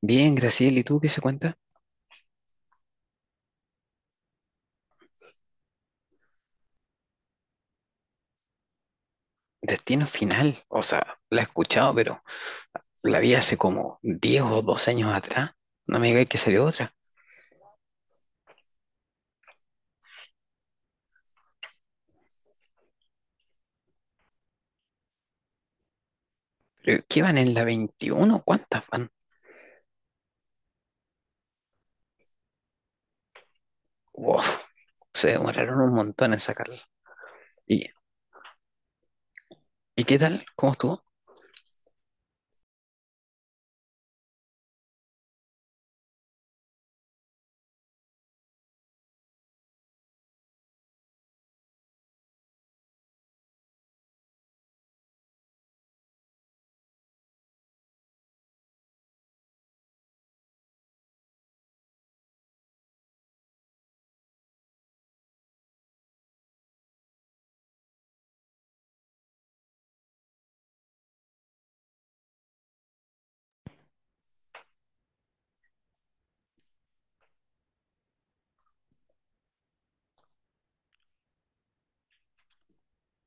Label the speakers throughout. Speaker 1: Bien, Graciela, ¿y tú qué se cuenta? Destino Final, o sea, la he escuchado, pero la vi hace como 10 o 12 años atrás. No me digáis que salió otra. ¿Pero qué van en la veintiuno? ¿Cuántas van? Wow, se demoraron un montón en sacarla. ¿Y, y qué tal? ¿Cómo estuvo?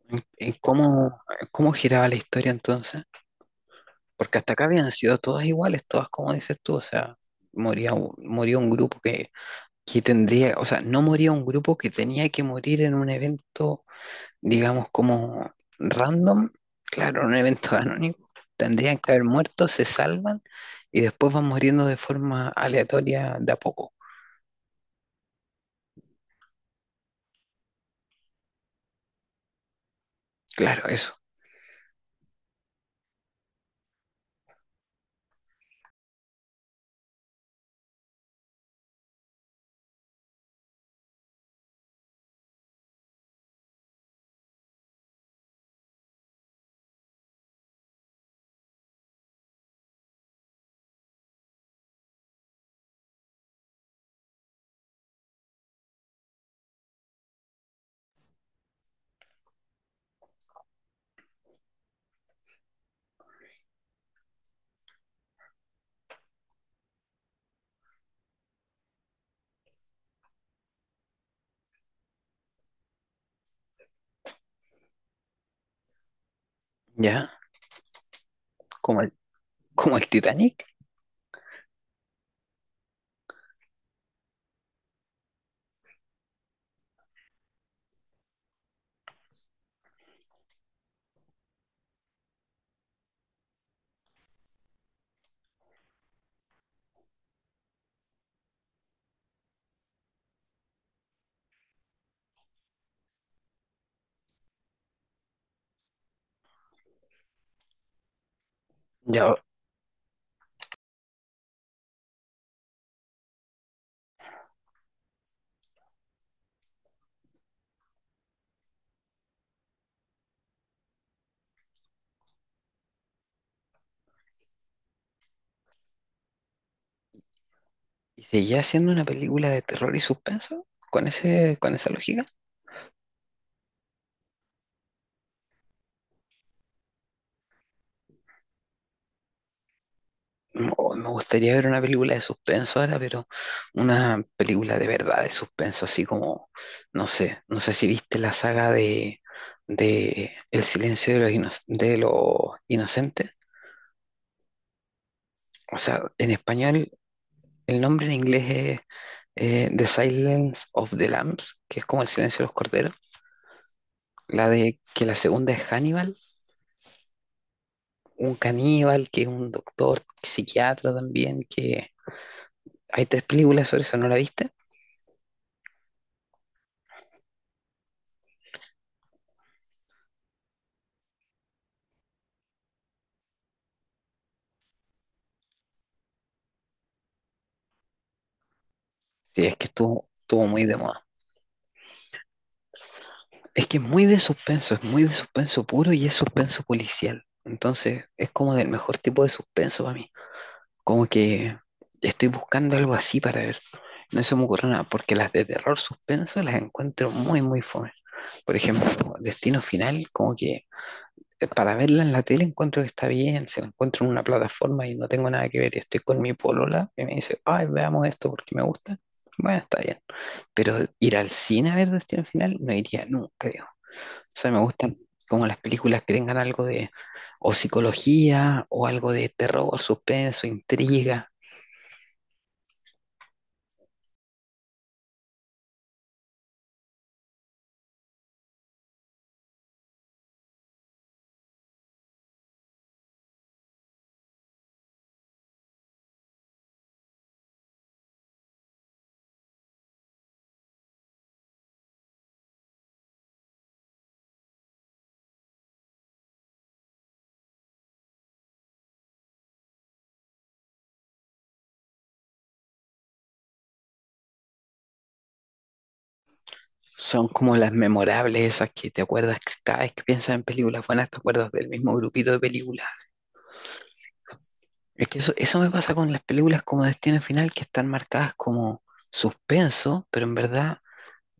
Speaker 1: ¿En cómo giraba la historia entonces? Porque hasta acá habían sido todas iguales, todas como dices tú, o sea, moría, moría un grupo que tendría, o sea, no moría un grupo que tenía que morir en un evento digamos, como random, claro, un evento anónimo, tendrían que haber muerto, se salvan y después van muriendo de forma aleatoria de a poco. Claro, eso, ya, como el, como el Titanic, ya, y seguía siendo una película de terror y suspenso con ese, con esa lógica. Oh, me gustaría ver una película de suspenso ahora, pero una película de verdad de suspenso, así como, no sé si viste la saga de El silencio de los inocentes. O sea, en español, el nombre en inglés es The Silence of the Lambs, que es como El silencio de los corderos. La de que la segunda es Hannibal, un caníbal que es un doctor, psiquiatra también, que hay tres películas sobre eso, ¿no la viste? Sí, es que estuvo muy de moda. Es que es muy de suspenso, es muy de suspenso puro y es suspenso policial. Entonces es como del mejor tipo de suspenso para mí. Como que estoy buscando algo así para ver. No se me ocurre nada, porque las de terror suspenso las encuentro muy, muy fome. Por ejemplo, Destino Final, como que para verla en la tele encuentro que está bien, se la encuentro en una plataforma y no tengo nada que ver. Estoy con mi polola y me dice, ay, veamos esto porque me gusta. Bueno, está bien. Pero ir al cine a ver Destino Final no iría nunca, o sea, me gustan como las películas que tengan algo de o psicología o algo de terror, suspenso, intriga. Son como las memorables esas que te acuerdas que cada vez que piensas en películas buenas te acuerdas del mismo grupito de películas. Es que eso me pasa con las películas como Destino Final que están marcadas como suspenso, pero en verdad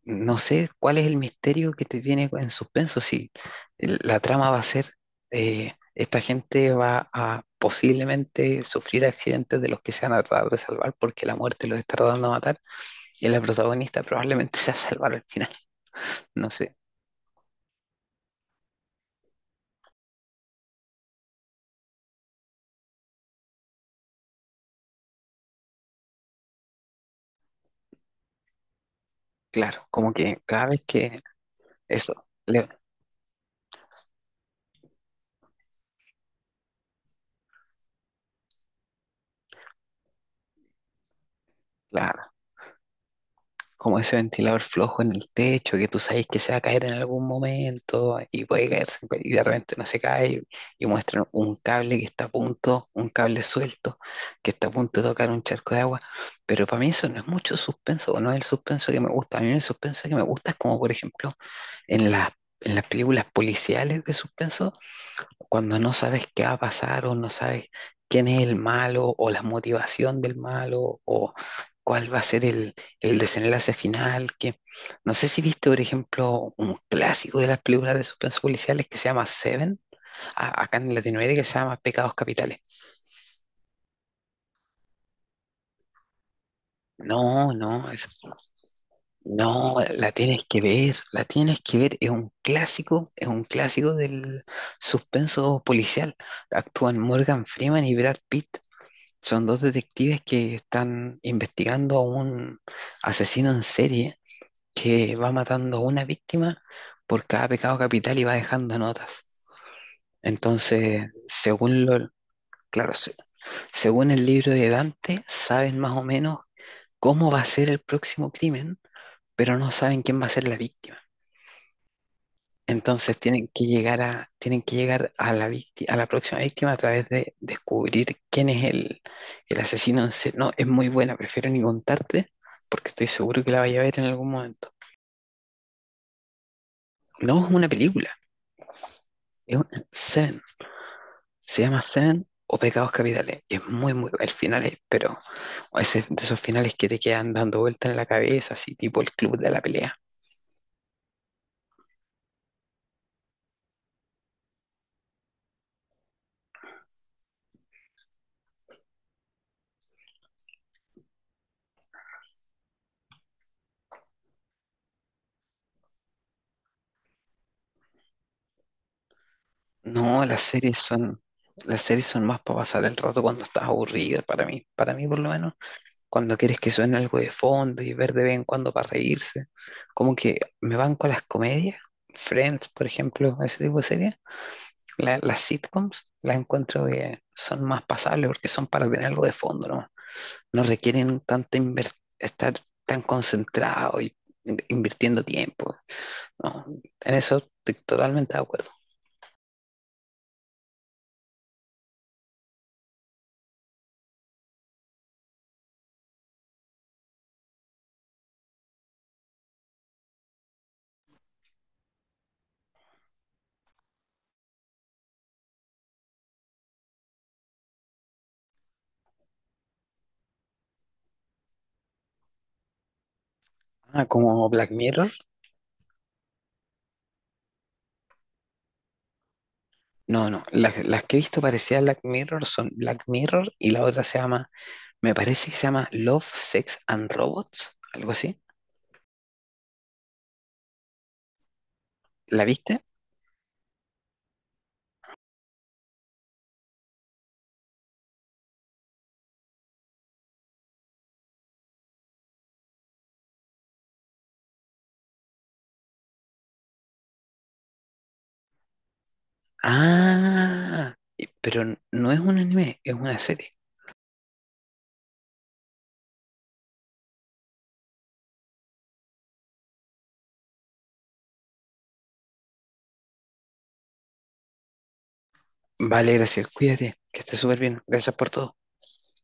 Speaker 1: no sé cuál es el misterio que te tiene en suspenso, si la trama va a ser, esta gente va a posiblemente sufrir accidentes de los que se van a tratar de salvar porque la muerte los está tratando de matar y la protagonista probablemente se va a salvar al final, no sé, claro, como que cada vez que eso, le, claro, como ese ventilador flojo en el techo, que tú sabes que se va a caer en algún momento y puede caerse en cual- y de repente no se cae y muestran un cable que está a punto, un cable suelto que está a punto de tocar un charco de agua, pero para mí eso no es mucho suspenso, o no es el suspenso que me gusta, a mí el suspenso que me gusta es como por ejemplo en las, en las, películas policiales de suspenso cuando no sabes qué va a pasar o no sabes quién es el malo o la motivación del malo o cuál va a ser el desenlace final, que no sé si viste, por ejemplo, un clásico de las películas de suspenso policiales que se llama Seven, acá en Latinoamérica se llama Pecados Capitales. No, no, no, la tienes que ver, la tienes que ver, es un clásico del suspenso policial. Actúan Morgan Freeman y Brad Pitt. Son dos detectives que están investigando a un asesino en serie que va matando a una víctima por cada pecado capital y va dejando notas. Entonces, claro, según el libro de Dante, saben más o menos cómo va a ser el próximo crimen, pero no saben quién va a ser la víctima. Entonces tienen que llegar a la víctima, a la próxima víctima a través de descubrir quién es el asesino en serie. No, es muy buena, prefiero ni contarte porque estoy seguro que la vaya a ver en algún momento. No es una película, Seven. Se llama Seven o Pecados Capitales. Es muy, muy, pero ese, de esos finales que te quedan dando vueltas en la cabeza, así tipo el club de la pelea. No, las series son más para pasar el rato cuando estás aburrido, para mí por lo menos, cuando quieres que suene algo de fondo y ver de vez en cuando para reírse. Como que me van con las comedias, Friends, por ejemplo, ese tipo de series. Las sitcoms las encuentro que son más pasables porque son para tener algo de fondo. No, no requieren estar tan concentrado y invirtiendo tiempo. No, en eso estoy totalmente de acuerdo. Ah, como Black Mirror. No, no, las que he visto parecidas a Black Mirror son Black Mirror y la otra se llama, me parece que se llama Love, Sex and Robots, algo así. ¿La viste? Ah, pero no es un anime, es una serie. Vale, gracias, cuídate, que estés súper bien, gracias por todo.